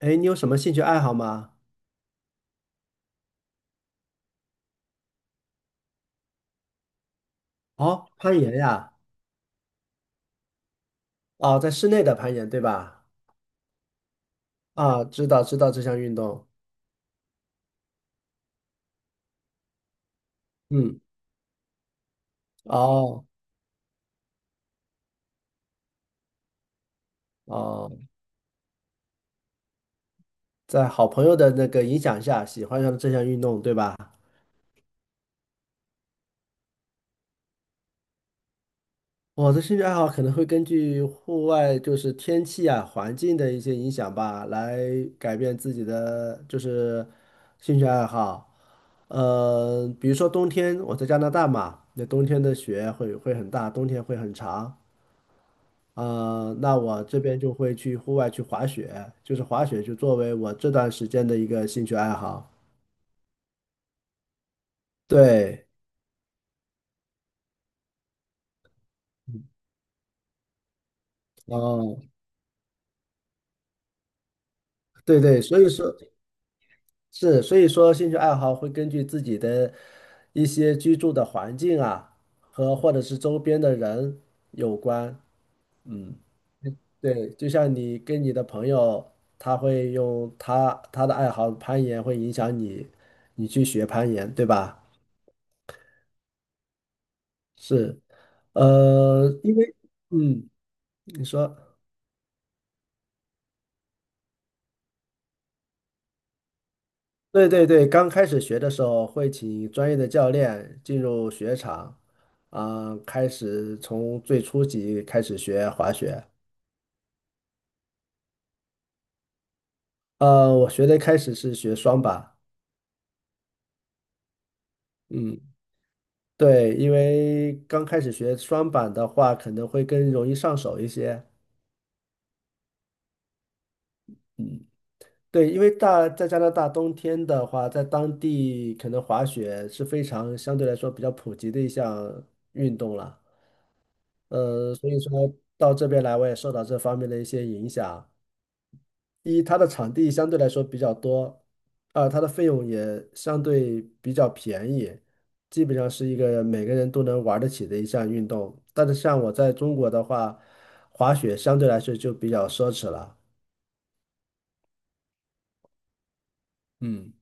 哎，你有什么兴趣爱好吗？哦，攀岩呀，哦，在室内的攀岩，对吧？啊，知道知道这项运动，嗯，哦哦，在好朋友的那个影响下，喜欢上了这项运动，对吧？我的兴趣爱好可能会根据户外就是天气啊、环境的一些影响吧，来改变自己的就是兴趣爱好。比如说冬天，我在加拿大嘛，那冬天的雪会很大，冬天会很长。那我这边就会去户外去滑雪，就是滑雪就作为我这段时间的一个兴趣爱好。对，哦，对对，所以说是，所以说兴趣爱好会根据自己的一些居住的环境啊，和或者是周边的人有关。嗯，对，就像你跟你的朋友，他会用他的爱好攀岩，会影响你，你去学攀岩，对吧？是，呃，因为。嗯，你说，对对对，刚开始学的时候会请专业的教练进入雪场，啊、开始从最初级开始学滑雪。我学的开始是学双板，嗯，对，因为刚开始学双板的话，可能会更容易上手一些。嗯，对，因为大在加拿大冬天的话，在当地可能滑雪是非常相对来说比较普及的一项运动了。所以说到这边来，我也受到这方面的一些影响。一，它的场地相对来说比较多，二，它的费用也相对比较便宜，基本上是一个每个人都能玩得起的一项运动。但是像我在中国的话，滑雪相对来说就比较奢侈了。嗯。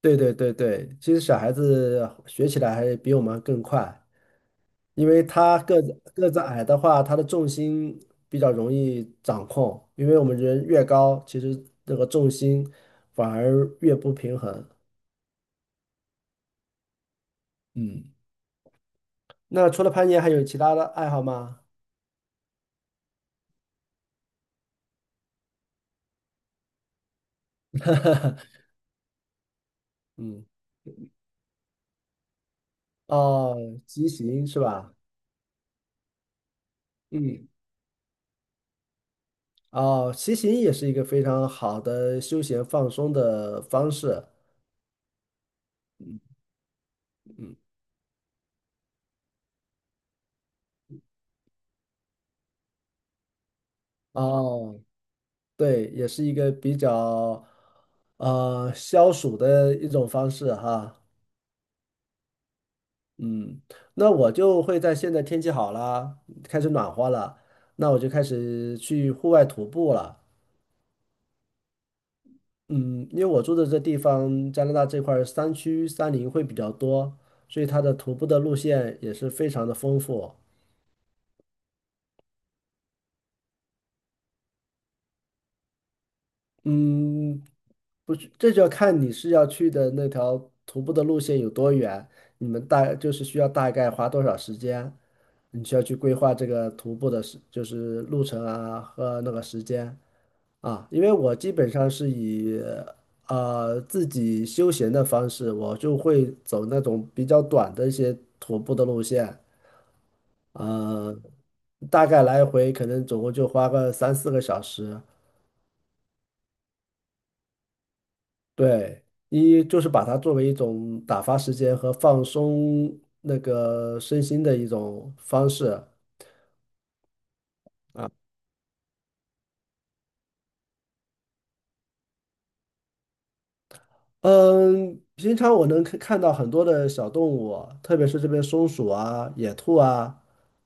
对对对对，其实小孩子学起来还比我们更快。因为他个子矮的话，他的重心比较容易掌控，因为我们人越高，其实那个重心反而越不平衡。嗯，那除了攀岩，还有其他的爱好吗？嗯，哦，骑行是吧？嗯，哦，骑行也是一个非常好的休闲放松的方式。嗯，哦，对，也是一个比较消暑的一种方式哈。嗯，那我就会在现在天气好了，开始暖和了，那我就开始去户外徒步了。嗯，因为我住的这地方，加拿大这块儿山区山林会比较多，所以它的徒步的路线也是非常的丰富。嗯，不是，这就要看你是要去的那条徒步的路线有多远，你们大就是需要大概花多少时间，你需要去规划这个徒步的时，就是路程啊和那个时间。啊，因为我基本上是以自己休闲的方式，我就会走那种比较短的一些徒步的路线，呃，大概来回可能总共就花个三四个小时。对，一就是把它作为一种打发时间和放松那个身心的一种方式，嗯，平常我能看到很多的小动物，特别是这边松鼠啊、野兔啊，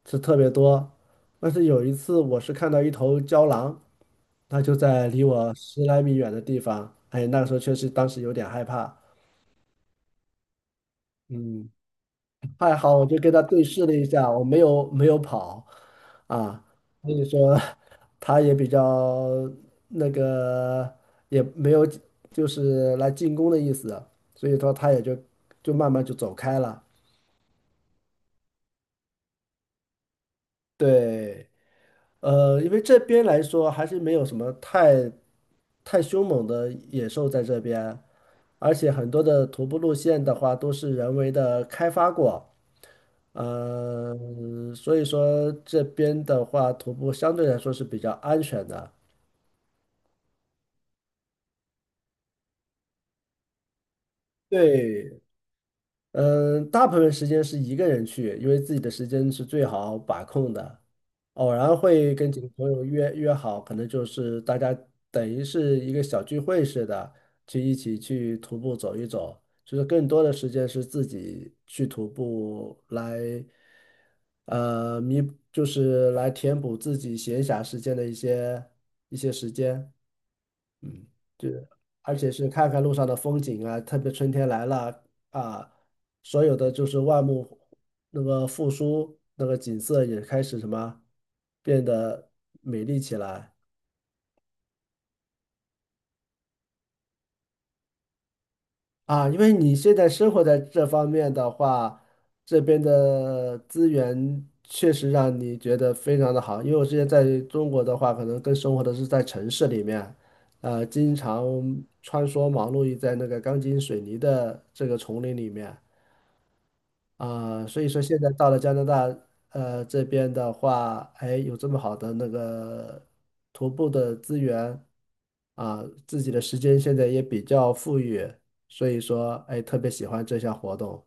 是特别多。但是有一次，我是看到一头郊狼，它就在离我十来米远的地方。哎，那个时候确实当时有点害怕。嗯。还好，我就跟他对视了一下，我没有跑啊，所以说他也比较那个，也没有就是来进攻的意思，所以说他也就就慢慢就走开了。对，因为这边来说还是没有什么太凶猛的野兽在这边，而且很多的徒步路线的话都是人为的开发过，呃，所以说这边的话徒步相对来说是比较安全的。对，嗯，大部分时间是一个人去，因为自己的时间是最好把控的。偶然会跟几个朋友约好，可能就是大家等于是一个小聚会似的，去一起去徒步走一走。就是更多的时间是自己去徒步来，呃，弥，就是来填补自己闲暇时间的一些时间。嗯，是，而且是看看路上的风景啊，特别春天来了啊，所有的就是万物那个复苏，那个景色也开始什么变得美丽起来啊。因为你现在生活在这方面的话，这边的资源确实让你觉得非常的好。因为我之前在中国的话，可能更生活的是在城市里面，经常穿梭忙碌于在那个钢筋水泥的这个丛林里面。啊，所以说现在到了加拿大，这边的话，哎，有这么好的那个徒步的资源啊，自己的时间现在也比较富裕，所以说，哎，特别喜欢这项活动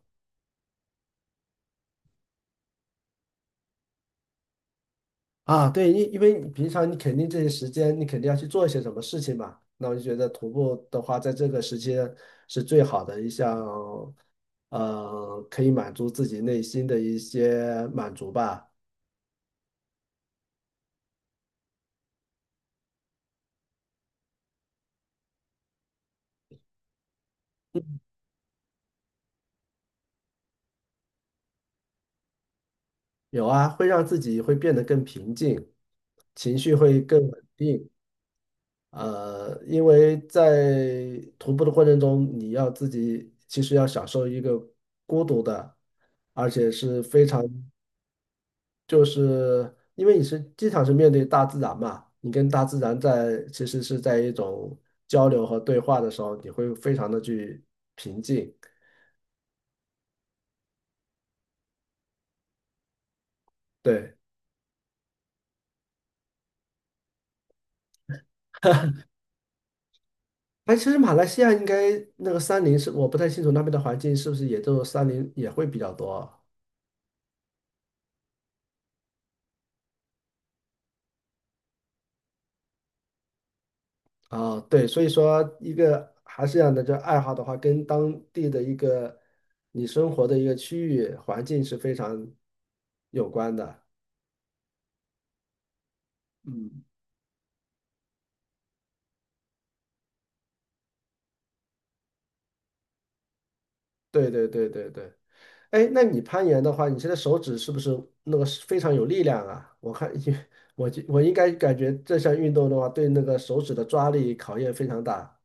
啊。对，因为你平常你肯定这些时间，你肯定要去做一些什么事情嘛。那我就觉得徒步的话，在这个时间是最好的一项，可以满足自己内心的一些满足吧。有啊，会让自己会变得更平静，情绪会更稳定。因为在徒步的过程中，你要自己其实要享受一个孤独的，而且是非常，就是因为你是经常是面对大自然嘛，你跟大自然在其实是在一种交流和对话的时候，你会非常的去平静。对。哎，其实马来西亚应该那个山林是，我不太清楚那边的环境是不是也就山林也会比较多啊？哦对，所以说一个还是这样的，就爱好的话，跟当地的一个你生活的一个区域环境是非常有关的。嗯，对对对对对。哎，那你攀岩的话，你现在手指是不是那个是非常有力量啊？我看，因为我就我应该感觉这项运动的话，对那个手指的抓力考验非常大。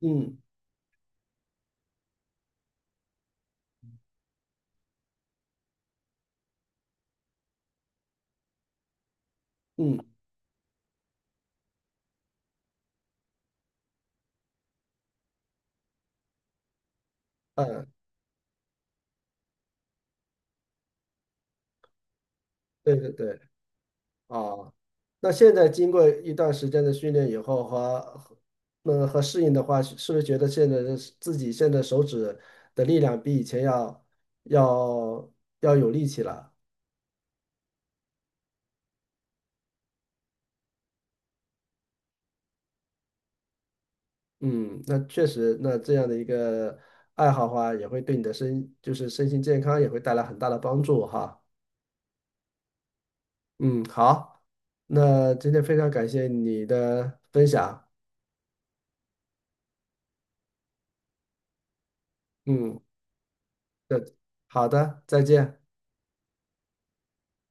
嗯嗯嗯。对对对，啊，那现在经过一段时间的训练以后和那个和适应的话，是不是觉得现在的自己现在手指的力量比以前要要要有力气了？嗯，那确实，那这样的一个爱好的话，也会对你的身就是身心健康也会带来很大的帮助哈。嗯，好，那今天非常感谢你的分享。嗯，对，好的，再见。